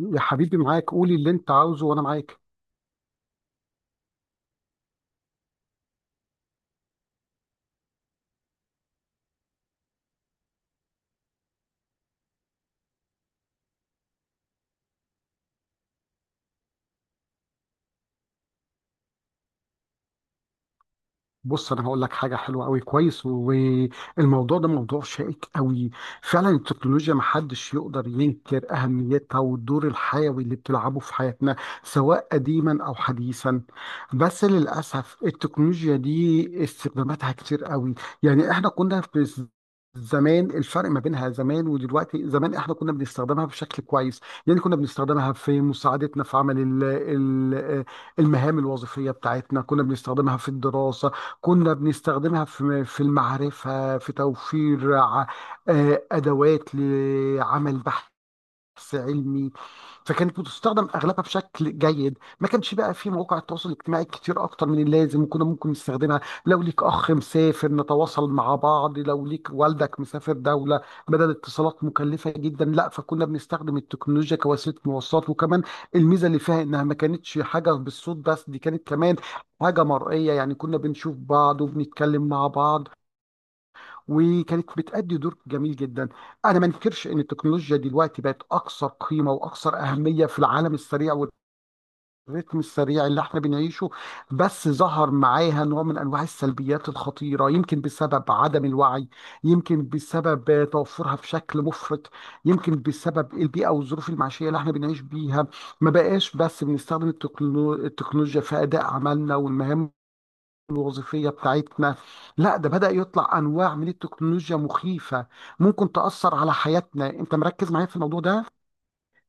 يا حبيبي معاك، قولي اللي انت عاوزه وانا معاك. بص، انا هقول لك حاجه حلوه قوي. كويس. والموضوع ده موضوع شائك قوي. فعلا التكنولوجيا محدش يقدر ينكر اهميتها والدور الحيوي اللي بتلعبه في حياتنا سواء قديما او حديثا. بس للاسف التكنولوجيا دي استخداماتها كتير قوي. يعني احنا كنا في زمان. الفرق ما بينها زمان ودلوقتي، زمان احنا كنا بنستخدمها بشكل كويس. يعني كنا بنستخدمها في مساعدتنا في عمل المهام الوظيفية بتاعتنا، كنا بنستخدمها في الدراسة، كنا بنستخدمها في المعرفة، في توفير أدوات لعمل بحث، بحث علمي. فكانت بتستخدم اغلبها بشكل جيد. ما كانش بقى في مواقع التواصل الاجتماعي كتير اكتر من اللازم، وكنا ممكن نستخدمها لو ليك اخ مسافر نتواصل مع بعض، لو ليك والدك مسافر دولة بدل اتصالات مكلفة جدا، لا، فكنا بنستخدم التكنولوجيا كوسيلة مواصلات. وكمان الميزة اللي فيها انها ما كانتش حاجة بالصوت بس، دي كانت كمان حاجة مرئية، يعني كنا بنشوف بعض وبنتكلم مع بعض، وكانت بتأدي دور جميل جدا. انا ما انكرش ان التكنولوجيا دلوقتي بقت اكثر قيمة واكثر أهمية في العالم السريع والريتم السريع اللي احنا بنعيشه. بس ظهر معاها نوع من انواع السلبيات الخطيرة، يمكن بسبب عدم الوعي، يمكن بسبب توفرها في شكل مفرط، يمكن بسبب البيئة والظروف المعيشية اللي احنا بنعيش بيها. ما بقاش بس بنستخدم التكنولوجيا في أداء عملنا والمهام الوظيفية بتاعتنا، لا ده بدأ يطلع أنواع من التكنولوجيا مخيفة ممكن تأثر على حياتنا. أنت مركز معايا في الموضوع ده؟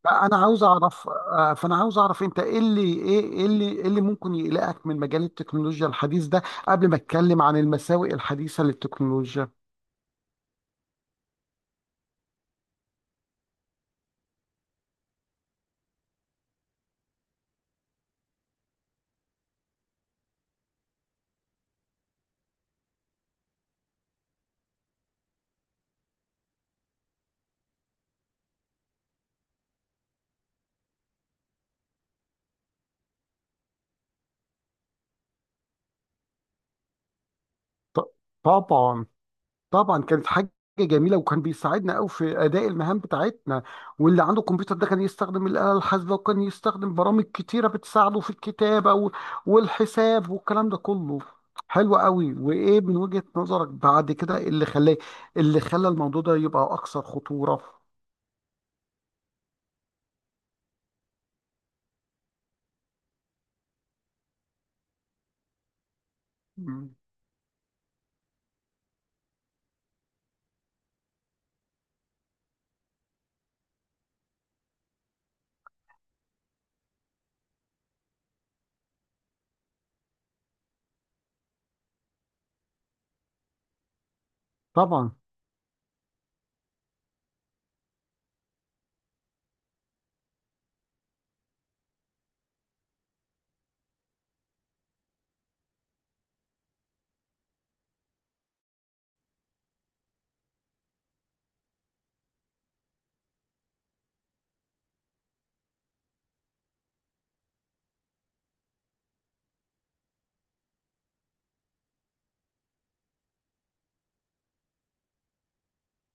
فأنا عاوز أعرف أنت إيه اللي ممكن يقلقك من مجال التكنولوجيا الحديث ده، قبل ما أتكلم عن المساوئ الحديثة للتكنولوجيا. ط- طبعا. طبعا كانت حاجه جميله وكان بيساعدنا قوي في اداء المهام بتاعتنا. واللي عنده كمبيوتر ده كان يستخدم الاله الحاسبه، وكان يستخدم برامج كتيره بتساعده في والحساب والكلام ده كله. حلو قوي. وايه من وجهه نظرك بعد كده اللي خلاه، اللي خلى الموضوع ده يبقى اكثر خطوره؟ مم. طبعا.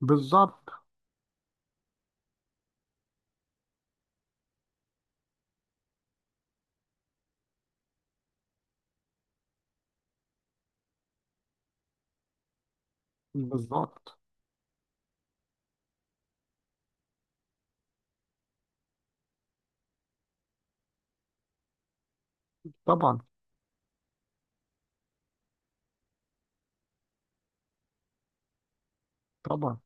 بالظبط. بالظبط. طبعا. طبعا.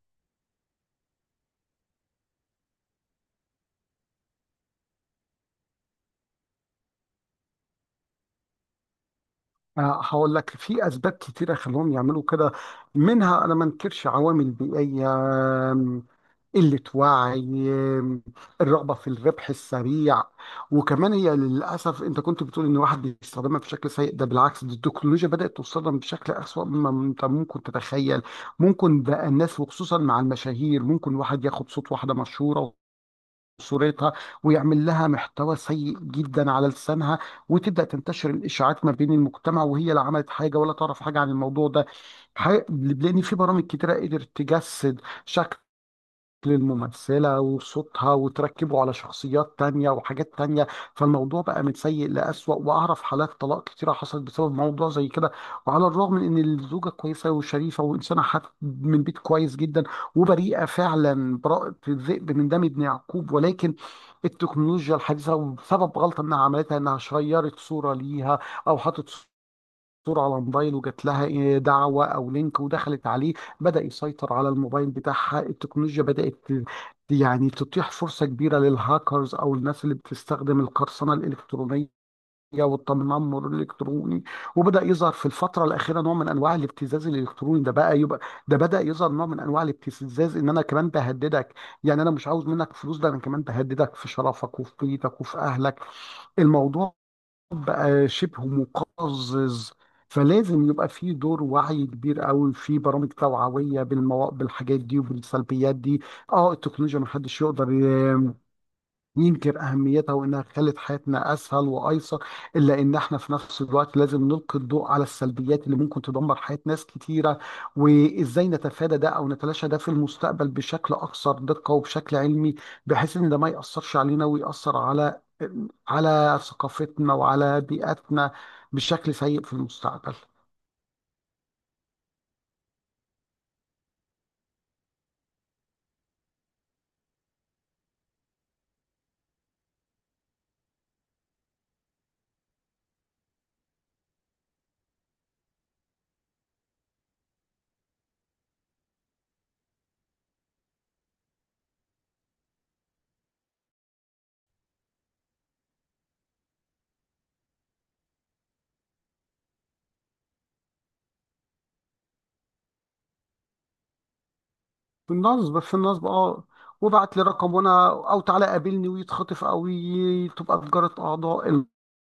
أنا هقول لك في اسباب كتيره خلوهم يعملوا كده. منها، انا ما انكرش، عوامل بيئيه، آم، قله وعي، آم، الرغبه في الربح السريع. وكمان هي للاسف، انت كنت بتقول ان واحد بيستخدمها بشكل سيء، ده بالعكس، دي التكنولوجيا بدات توصلنا بشكل اسوأ مما انت ممكن تتخيل. ممكن بقى الناس، وخصوصا مع المشاهير، ممكن واحد ياخد صوت واحده مشهوره، صورتها، ويعمل لها محتوى سيء جدا على لسانها، وتبدأ تنتشر الإشاعات ما بين المجتمع، وهي لا عملت حاجة ولا تعرف حاجة عن الموضوع ده. لأن في برامج كتيرة قدرت تجسد شكل للممثلة وصوتها وتركبه على شخصيات تانية وحاجات تانية. فالموضوع بقى من سيء لأسوأ، وأعرف حالات طلاق كتيرة حصلت بسبب موضوع زي كده، وعلى الرغم من إن الزوجة كويسة وشريفة وإنسانة حت من بيت كويس جدا وبريئة فعلا براءة الذئب من دم ابن يعقوب، ولكن التكنولوجيا الحديثة، وسبب غلطة إنها عملتها إنها شيرت صورة ليها أو حطت صورة على موبايل وجات لها دعوة أو لينك ودخلت عليه، بدأ يسيطر على الموبايل بتاعها. التكنولوجيا بدأت تتيح فرصة كبيرة للهاكرز أو الناس اللي بتستخدم القرصنة الإلكترونية والتنمر الالكتروني. وبدا يظهر في الفتره الاخيره نوع من انواع الابتزاز الالكتروني. ده بقى يبقى ده بدا يظهر نوع من انواع الابتزاز ان انا كمان بهددك، يعني انا مش عاوز منك فلوس، ده انا كمان بهددك في شرفك وفي بيتك وفي اهلك. الموضوع بقى شبه مقزز. فلازم يبقى في دور وعي كبير قوي، في برامج توعويه بالحاجات دي وبالسلبيات دي. اه، التكنولوجيا ما حدش يقدر ينكر أهميتها وإنها خلت حياتنا أسهل وأيسر، إلا إن إحنا في نفس الوقت لازم نلقي الضوء على السلبيات اللي ممكن تدمر حياة ناس كتيرة، وإزاي نتفادى ده أو نتلاشى ده في المستقبل بشكل أكثر دقة وبشكل علمي، بحيث إن ده ما يأثرش علينا ويأثر على على ثقافتنا وعلى بيئتنا بشكل سيء في المستقبل. في النصب، في النصب، اه. وابعت لي رقم وانا، او تعالى قابلني ويتخطف، او تبقى في جارة اعضاء.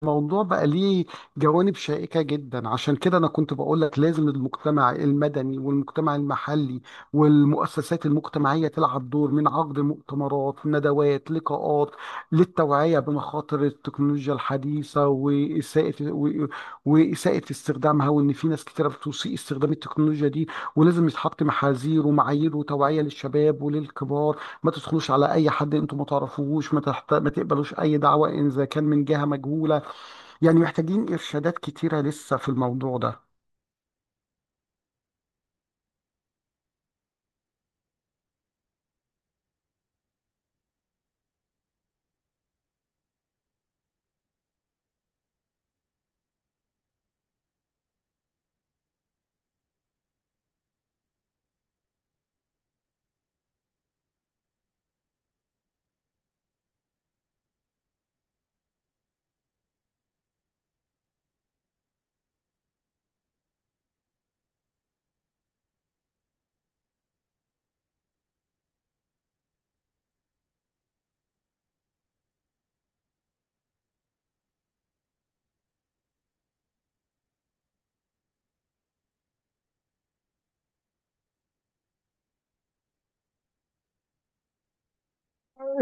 الموضوع بقى ليه جوانب شائكة جدا، عشان كده انا كنت بقول لك لازم المجتمع المدني والمجتمع المحلي والمؤسسات المجتمعية تلعب دور من عقد مؤتمرات، ندوات، لقاءات للتوعية بمخاطر التكنولوجيا الحديثة وإساءة استخدامها، وإن في ناس كتيرة بتسيء استخدام التكنولوجيا دي. ولازم يتحط محاذير ومعايير وتوعية للشباب وللكبار، ما تدخلوش على اي حد انتم ما تعرفوهوش، ما تقبلوش اي دعوة ان اذا كان من جهة مجهولة. يعني محتاجين ارشادات كتيرة لسه في الموضوع ده.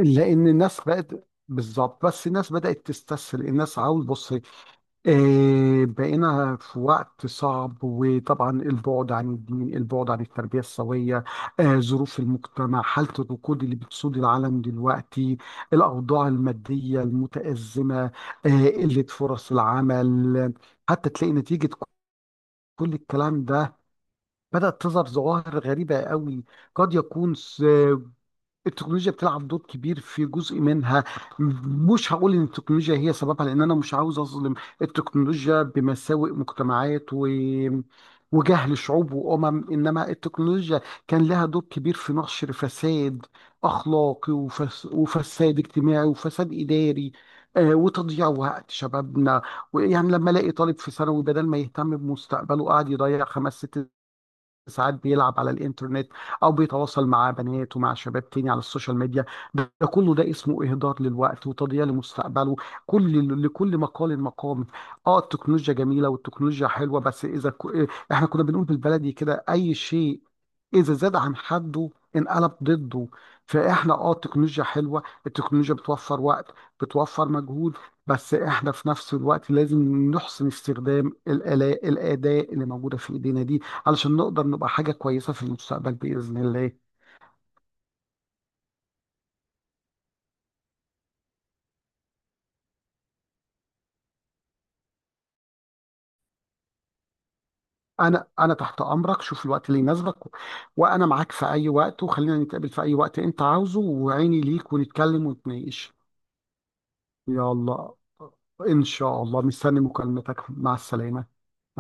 لان الناس بقت، بالظبط، بس الناس بدأت تستسهل، الناس عاوز، بص، بقينا في وقت صعب. وطبعا البعد عن الدين، البعد عن التربية السوية، ظروف المجتمع، حالة الركود اللي بتسود العالم دلوقتي، الأوضاع المادية المتأزمة آه، قلة فرص العمل، حتى تلاقي نتيجة كل الكلام ده بدأت تظهر ظواهر غريبة قوي. قد يكون التكنولوجيا بتلعب دور كبير في جزء منها، مش هقول ان التكنولوجيا هي سببها، لان انا مش عاوز اظلم التكنولوجيا بمساوئ مجتمعات وجهل شعوب وامم، انما التكنولوجيا كان لها دور كبير في نشر فساد اخلاقي وفساد اجتماعي وفساد اداري، وتضييع وقت شبابنا. يعني لما الاقي طالب في ثانوي بدل ما يهتم بمستقبله قاعد يضيع خمس ست ساعات بيلعب على الانترنت او بيتواصل مع بنات ومع شباب تاني على السوشيال ميديا، ده كله ده اسمه اهدار للوقت وتضييع لمستقبله. كل، لكل مقال مقام. اه، التكنولوجيا جميله والتكنولوجيا حلوه، بس احنا كنا بنقول بالبلدي كده، اي شيء اذا زاد عن حده انقلب ضده. فاحنا اه التكنولوجيا حلوه، التكنولوجيا بتوفر وقت، بتوفر مجهود، بس احنا في نفس الوقت لازم نحسن استخدام الآلاء الاداه اللي موجوده في ايدينا دي، علشان نقدر نبقى حاجة كويسة في المستقبل بإذن الله. أنا تحت أمرك، شوف الوقت اللي يناسبك وأنا معاك في أي وقت، وخلينا نتقابل في أي وقت أنت عاوزه، وعيني ليك، ونتكلم ونتناقش. يلا، إن شاء الله مستني مكالمتك. مع السلامة.